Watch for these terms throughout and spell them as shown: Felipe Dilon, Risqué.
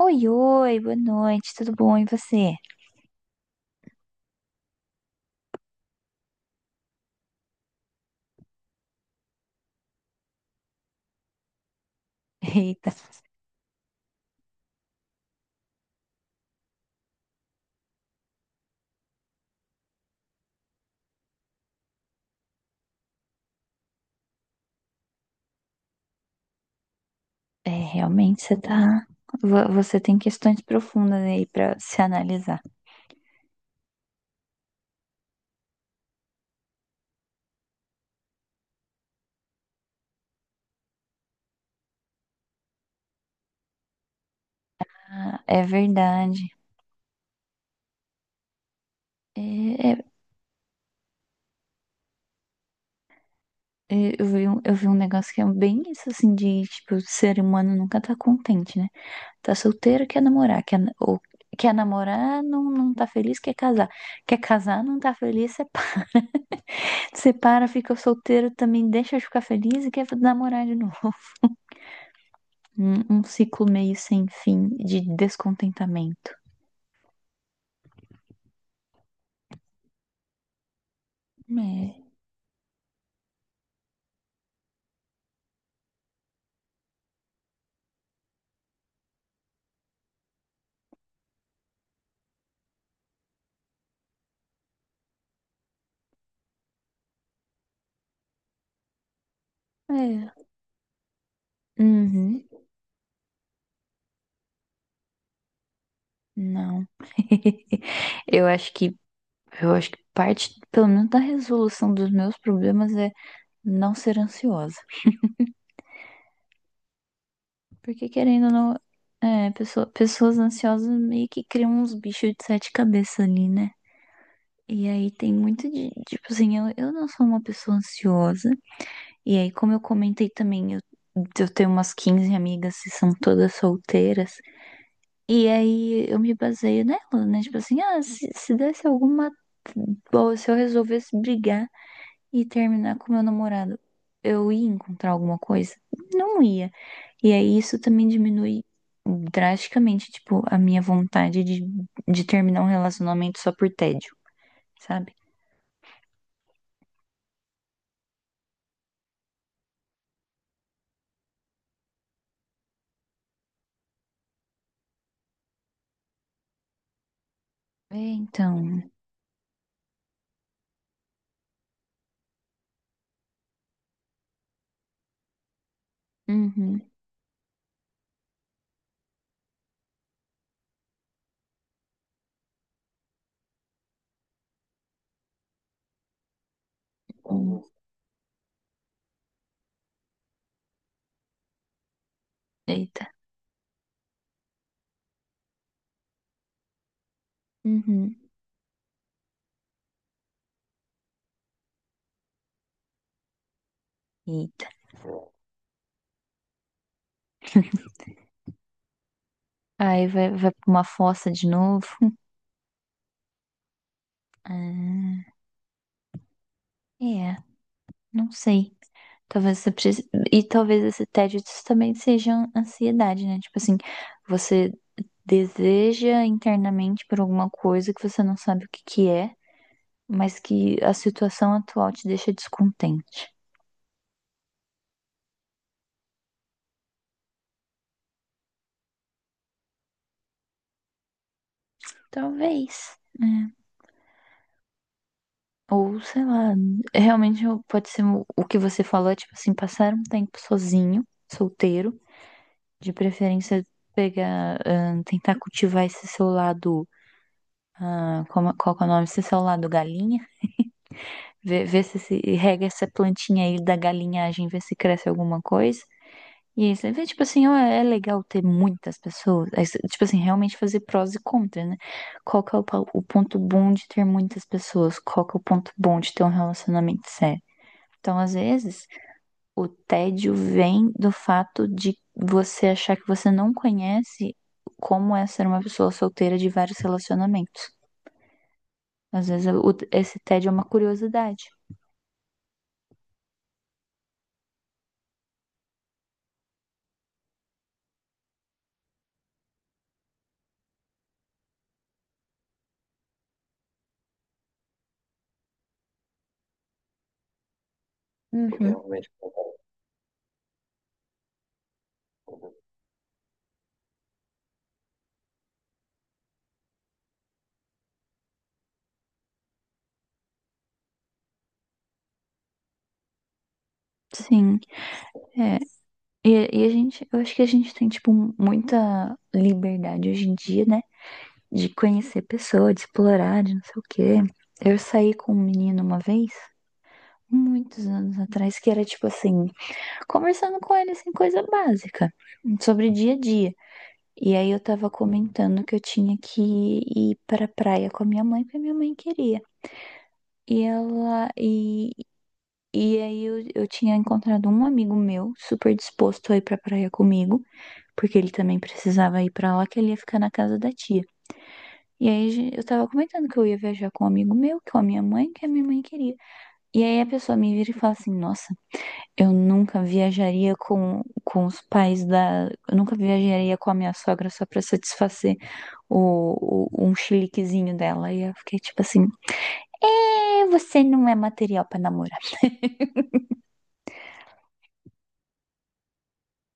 Oi, oi, boa noite, tudo bom? E você? Eita. É, realmente você tá. Você tem questões profundas aí pra se analisar. Ah, é verdade. É, é, eu vi um negócio que é bem isso, assim, de, tipo, o ser humano nunca tá contente, né? Tá solteiro, quer namorar. Ou quer namorar, não, não tá feliz, quer casar. Quer casar, não tá feliz, separa. Separa, fica solteiro também, deixa de ficar feliz e quer namorar de novo. Um ciclo meio sem fim de descontentamento. É, é. Uhum. Não. Eu acho que eu acho que parte, pelo menos, da resolução dos meus problemas é não ser ansiosa. Porque querendo ou não, pessoas ansiosas meio que criam uns bichos de sete cabeças ali, né? E aí tem muito de, tipo assim, eu não sou uma pessoa ansiosa. E aí, como eu comentei também, eu tenho umas 15 amigas que são todas solteiras. E aí eu me baseio nela, né? Tipo assim, ah, se desse alguma. Bom, se eu resolvesse brigar e terminar com meu namorado, eu ia encontrar alguma coisa? Não ia. E aí isso também diminui drasticamente, tipo, a minha vontade de terminar um relacionamento só por tédio, sabe? É, então. Uhum. Uhum. Eita. Uhum. Eita. Aí vai pra uma fossa de novo. Ah, é, não sei. Talvez você precise. E talvez esse tédio também seja ansiedade, né? Tipo assim, você deseja internamente por alguma coisa que você não sabe o que que é, mas que a situação atual te deixa descontente. Talvez, né? Ou sei lá, realmente pode ser o que você falou, é tipo assim, passar um tempo sozinho, solteiro, de preferência pegar, tentar cultivar esse seu lado. Qual que é o nome? Esse seu lado galinha, ver se rega essa plantinha aí da galinhagem, ver se cresce alguma coisa. Isso, aí vê, tipo assim, ó, é legal ter muitas pessoas, tipo assim, realmente fazer prós e contras, né? Qual que é o ponto bom de ter muitas pessoas? Qual que é o ponto bom de ter um relacionamento sério? Então, às vezes, o tédio vem do fato de você achar que você não conhece como é ser uma pessoa solteira de vários relacionamentos. Às vezes, esse tédio é uma curiosidade. Uhum, sim, é. E, e a gente, eu acho que a gente tem, tipo, muita liberdade hoje em dia, né? De conhecer pessoas, de explorar, de não sei o quê. Eu saí com um menino uma vez, muitos anos atrás, que era tipo assim, conversando com ele, assim, coisa básica, sobre dia a dia. E aí eu tava comentando que eu tinha que ir pra praia com a minha mãe, porque a minha mãe queria. E ela, e, e aí eu tinha encontrado um amigo meu, super disposto a ir pra praia comigo, porque ele também precisava ir pra lá, que ele ia ficar na casa da tia. E aí eu tava comentando que eu ia viajar com um amigo meu, com a minha mãe, que a minha mãe queria. E aí a pessoa me vira e fala assim, nossa, eu nunca viajaria com os pais da. Eu nunca viajaria com a minha sogra só pra satisfazer um chiliquezinho dela. E eu fiquei tipo assim: é, você não é material pra namorar.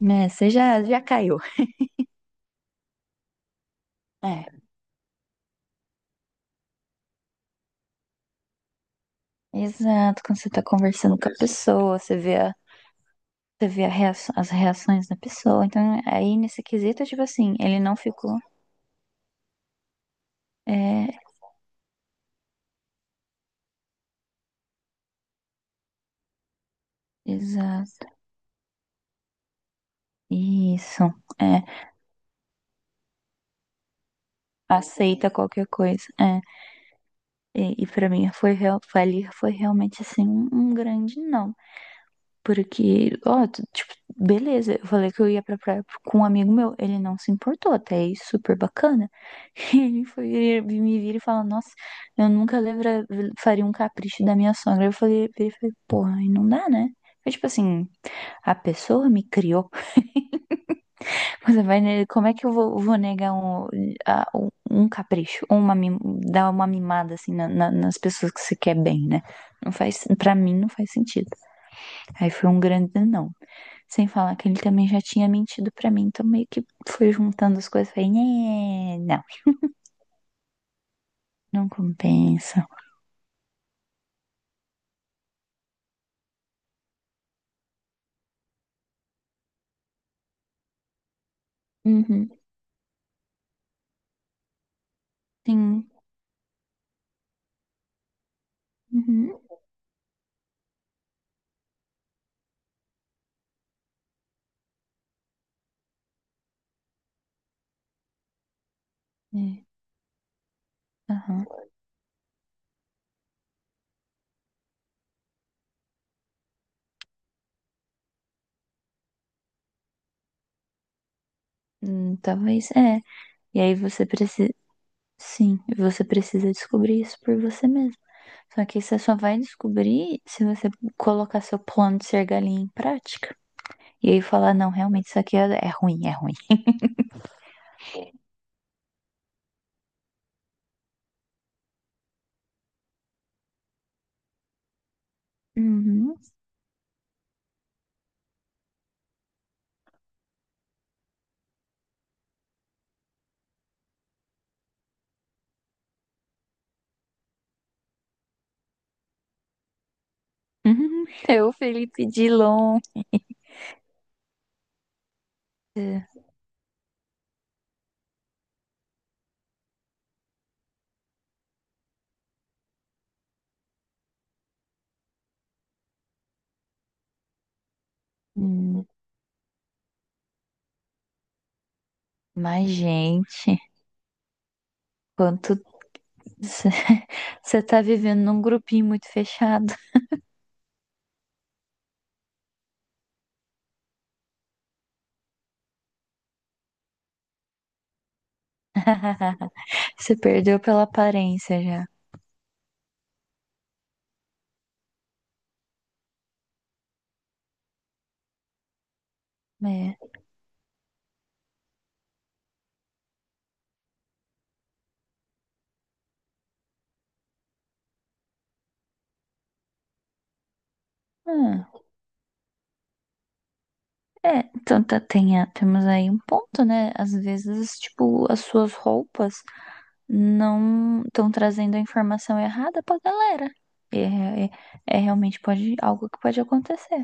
Né? Você já caiu. É, exato. Quando você tá conversando com a pessoa, você vê as reações da pessoa. Então, aí nesse quesito, tipo assim, ele não ficou. É, exato. Isso. É, aceita qualquer coisa. É. E para mim foi realmente assim um grande não. Porque, ó, tipo, beleza, eu falei que eu ia pra praia com um amigo meu, ele não se importou, até aí super bacana. E ele me vir e falar, nossa, eu nunca, lembra, faria um capricho da minha sogra. Ele falei, porra, aí não dá, né? Mas, tipo assim, a pessoa me criou. Você vai, como é que eu vou negar um capricho, ou uma, dar uma mimada assim, nas pessoas que você quer bem, né? Para mim não faz sentido. Aí foi um grande não. Sem falar que ele também já tinha mentido pra mim, então meio que foi juntando as coisas, falei: "Nhê, não, não compensa." Uhum, sim, uhum, é, aham. Talvez é. E aí você precisa, sim, você precisa descobrir isso por você mesmo. Só que você só vai descobrir se você colocar seu plano de ser galinha em prática. E aí falar, não, realmente isso aqui é ruim, é ruim. Uhum. Uhum. Eu, Felipe Dilon. É. Hum, Mas, gente, quanto você tá vivendo num grupinho muito fechado. Você perdeu pela aparência já. É. Ah, é, então tá, temos aí um ponto, né? Às vezes, tipo, as suas roupas não estão trazendo a informação errada pra galera. É, é, é, realmente pode, algo que pode acontecer.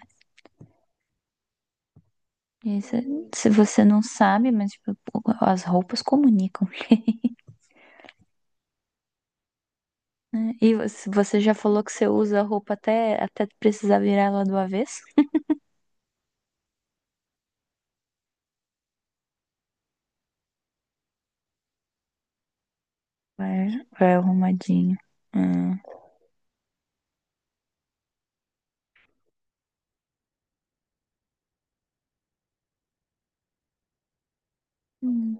E se você não sabe, mas tipo, as roupas comunicam. Né? E você já falou que você usa a roupa até precisar virar ela do avesso? Vai, vai arrumadinho. Hum. Hum,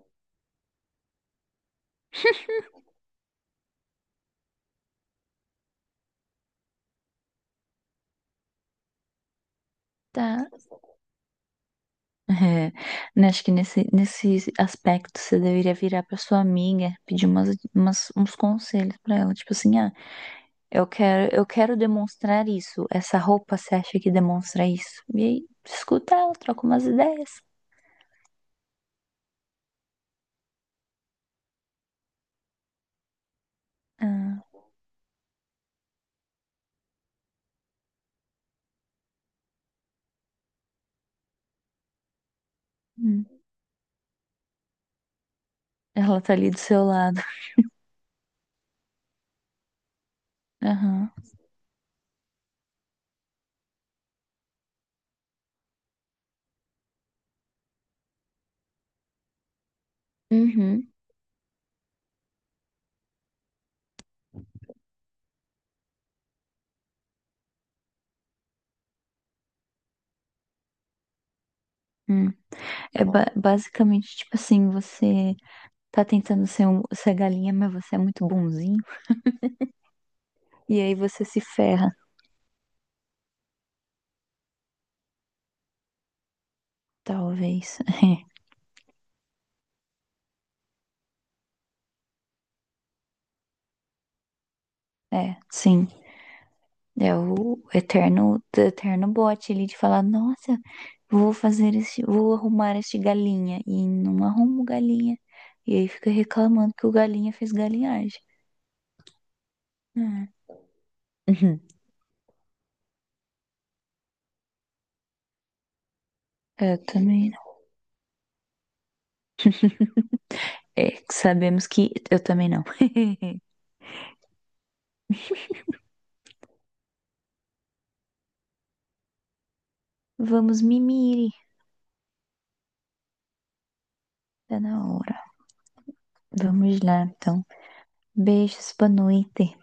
Tá. É, né, acho que nesse aspecto você deveria virar pra sua amiga, pedir uns conselhos pra ela. Tipo assim, eu quero demonstrar isso. Essa roupa, você acha que demonstra isso? E aí, escuta ela, troca umas ideias. Ah, hum. Ela tá ali do seu lado. Aham. Uhum. Hum. É basicamente, tipo assim, você tá tentando ser galinha, mas você é muito bonzinho. E aí você se ferra, talvez. É, sim. É o eterno, eterno bote ali de falar, nossa, vou arrumar este galinha. E não arrumo galinha. E aí fica reclamando que o galinha fez galinhagem. Ah, uhum. Eu também não. É, sabemos que eu também não. Vamos mimir. Tá na hora. Vamos lá, então. Beijos, boa noite.